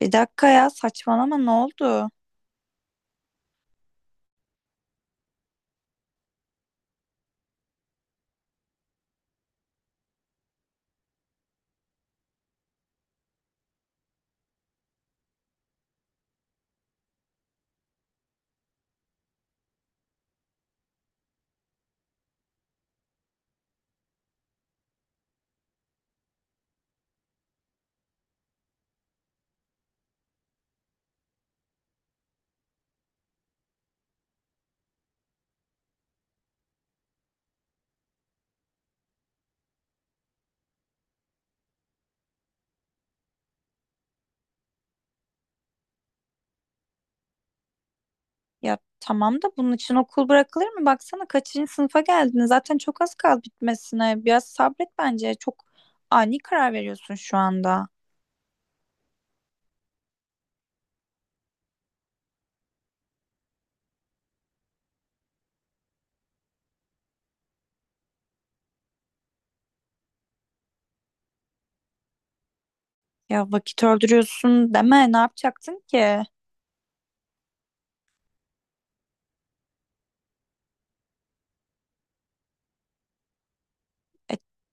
Bir dakika ya, saçmalama, ne oldu? Ya tamam da bunun için okul bırakılır mı? Baksana kaçıncı sınıfa geldin? Zaten çok az kaldı bitmesine. Biraz sabret bence. Çok ani karar veriyorsun şu anda. Ya vakit öldürüyorsun deme. Ne yapacaktın ki?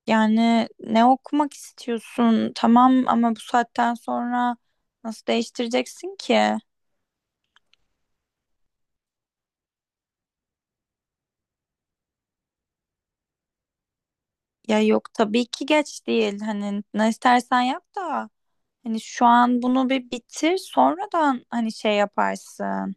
Yani ne okumak istiyorsun? Tamam ama bu saatten sonra nasıl değiştireceksin ki? Ya yok, tabii ki geç değil. Hani ne istersen yap da. Hani şu an bunu bir bitir, sonradan hani şey yaparsın.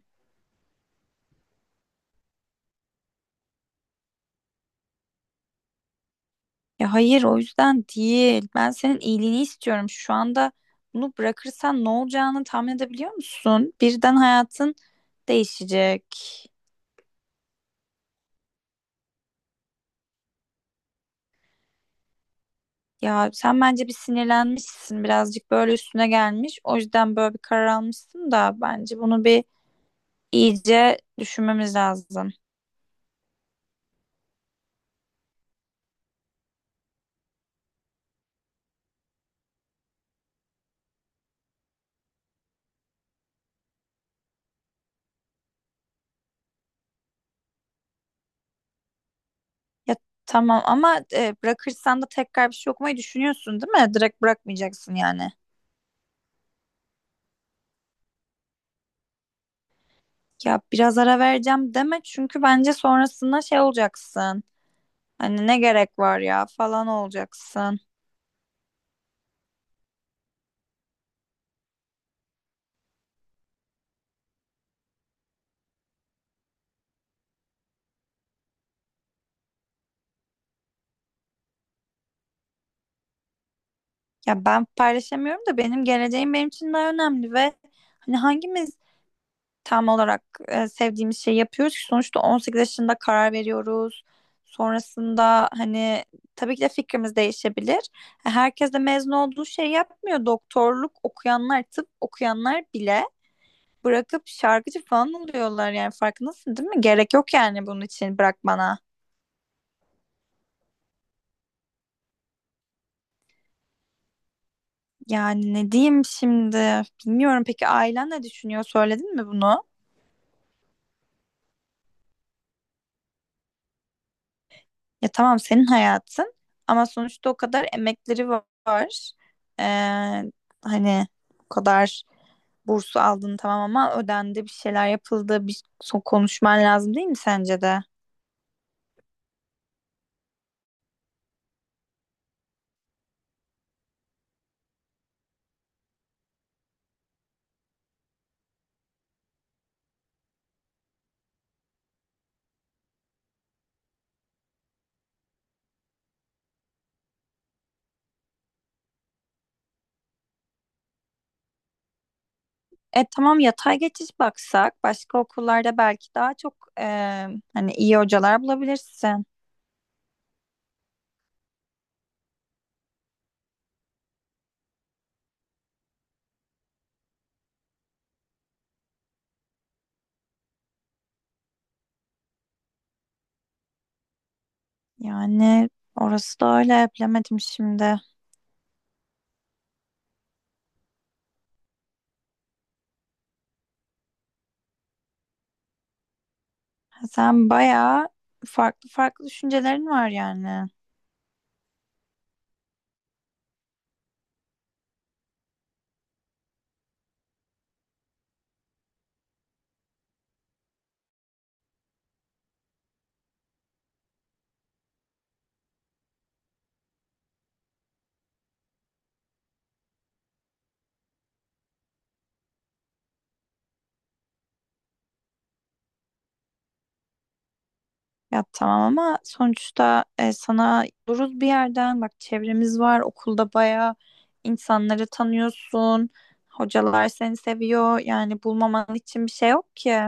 Ya hayır, o yüzden değil. Ben senin iyiliğini istiyorum. Şu anda bunu bırakırsan ne olacağını tahmin edebiliyor musun? Birden hayatın değişecek. Ya sen bence bir sinirlenmişsin, birazcık böyle üstüne gelmiş. O yüzden böyle bir karar almışsın da bence bunu bir iyice düşünmemiz lazım. Ya tamam ama bırakırsan da tekrar bir şey okumayı düşünüyorsun, değil mi? Direkt bırakmayacaksın yani. Ya biraz ara vereceğim deme, çünkü bence sonrasında şey olacaksın. Hani ne gerek var ya falan olacaksın. Ya ben paylaşamıyorum da benim geleceğim benim için daha önemli ve hani hangimiz tam olarak sevdiğimiz şeyi yapıyoruz ki? Sonuçta 18 yaşında karar veriyoruz. Sonrasında hani tabii ki de fikrimiz değişebilir. Herkes de mezun olduğu şey yapmıyor. Doktorluk okuyanlar, tıp okuyanlar bile bırakıp şarkıcı falan oluyorlar, yani farkındasın değil mi? Gerek yok yani bunun için, bırak bana. Yani ne diyeyim şimdi? Bilmiyorum, peki ailen ne düşünüyor? Söyledin mi bunu? Ya tamam, senin hayatın ama sonuçta o kadar emekleri var. Ee, hani o kadar bursu aldın, tamam ama ödendi, bir şeyler yapıldı. Bir son konuşman lazım, değil mi sence de? E tamam, yatay geçiş baksak başka okullarda belki daha çok hani iyi hocalar bulabilirsin. Yani orası da öyle, bilemedim şimdi. Sen bayağı farklı farklı düşüncelerin var yani. Ya tamam ama sonuçta sana duruz bir yerden. Bak, çevremiz var. Okulda bayağı insanları tanıyorsun. Hocalar seni seviyor. Yani bulmaman için bir şey yok ki.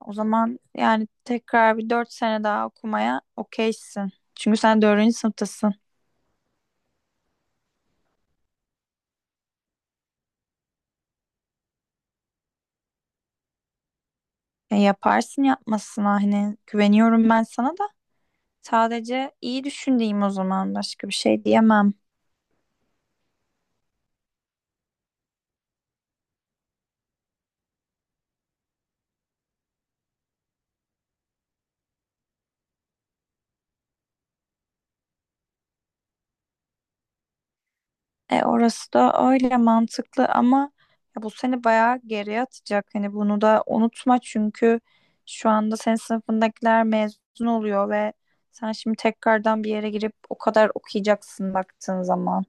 O zaman yani tekrar bir dört sene daha okumaya okeysin. Çünkü sen dördüncü sınıftasın. Yaparsın yapmasına, hani güveniyorum ben sana da. Sadece iyi düşündüğüm, o zaman başka bir şey diyemem. E orası da öyle mantıklı ama ya bu seni bayağı geriye atacak. Hani bunu da unutma çünkü şu anda senin sınıfındakiler mezun oluyor ve sen şimdi tekrardan bir yere girip o kadar okuyacaksın baktığın zaman.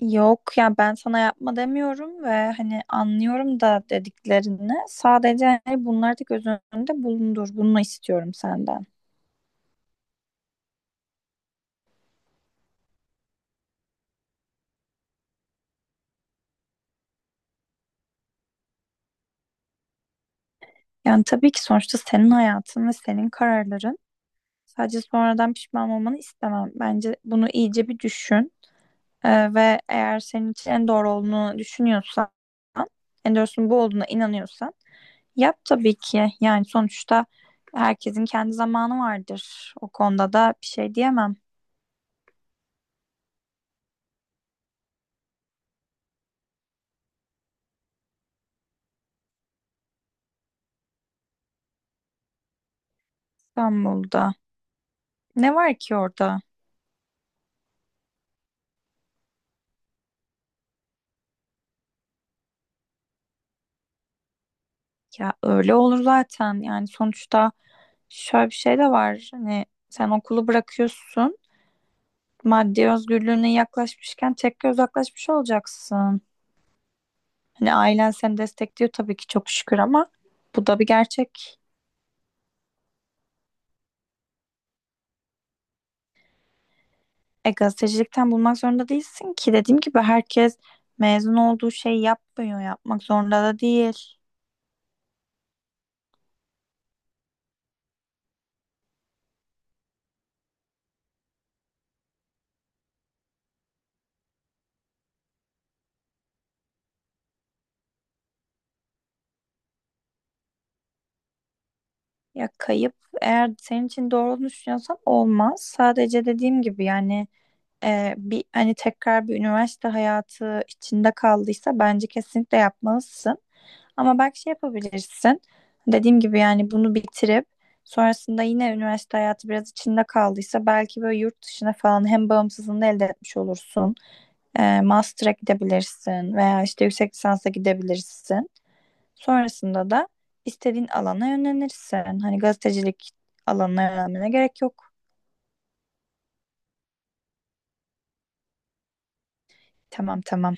Yok ya, ben sana yapma demiyorum ve hani anlıyorum da dediklerini. Sadece hani bunları da göz önünde bulundur. Bunu istiyorum senden. Yani tabii ki sonuçta senin hayatın ve senin kararların. Sadece sonradan pişman olmanı istemem. Bence bunu iyice bir düşün. Ve eğer senin için en doğru olduğunu düşünüyorsan, en doğrusunun bu olduğuna inanıyorsan yap tabii ki. Yani sonuçta herkesin kendi zamanı vardır. O konuda da bir şey diyemem. İstanbul'da. Ne var ki orada? Ya öyle olur zaten. Yani sonuçta şöyle bir şey de var. Hani sen okulu bırakıyorsun, maddi özgürlüğüne yaklaşmışken tekrar uzaklaşmış olacaksın. Hani ailen seni destekliyor tabii ki, çok şükür, ama bu da bir gerçek. E gazetecilikten bulmak zorunda değilsin ki. Dediğim gibi herkes mezun olduğu şeyi yapmıyor, yapmak zorunda da değil. Ya kayıp, eğer senin için doğru olduğunu düşünüyorsan olmaz. Sadece dediğim gibi yani bir hani tekrar bir üniversite hayatı içinde kaldıysa bence kesinlikle yapmalısın. Ama belki şey yapabilirsin. Dediğim gibi yani bunu bitirip sonrasında yine üniversite hayatı biraz içinde kaldıysa belki böyle yurt dışına falan hem bağımsızlığını elde etmiş olursun. Master'a gidebilirsin veya işte yüksek lisansa gidebilirsin. Sonrasında da istediğin alana yönlenirsin. Hani gazetecilik alanına yönelmene gerek yok. Tamam, tamam.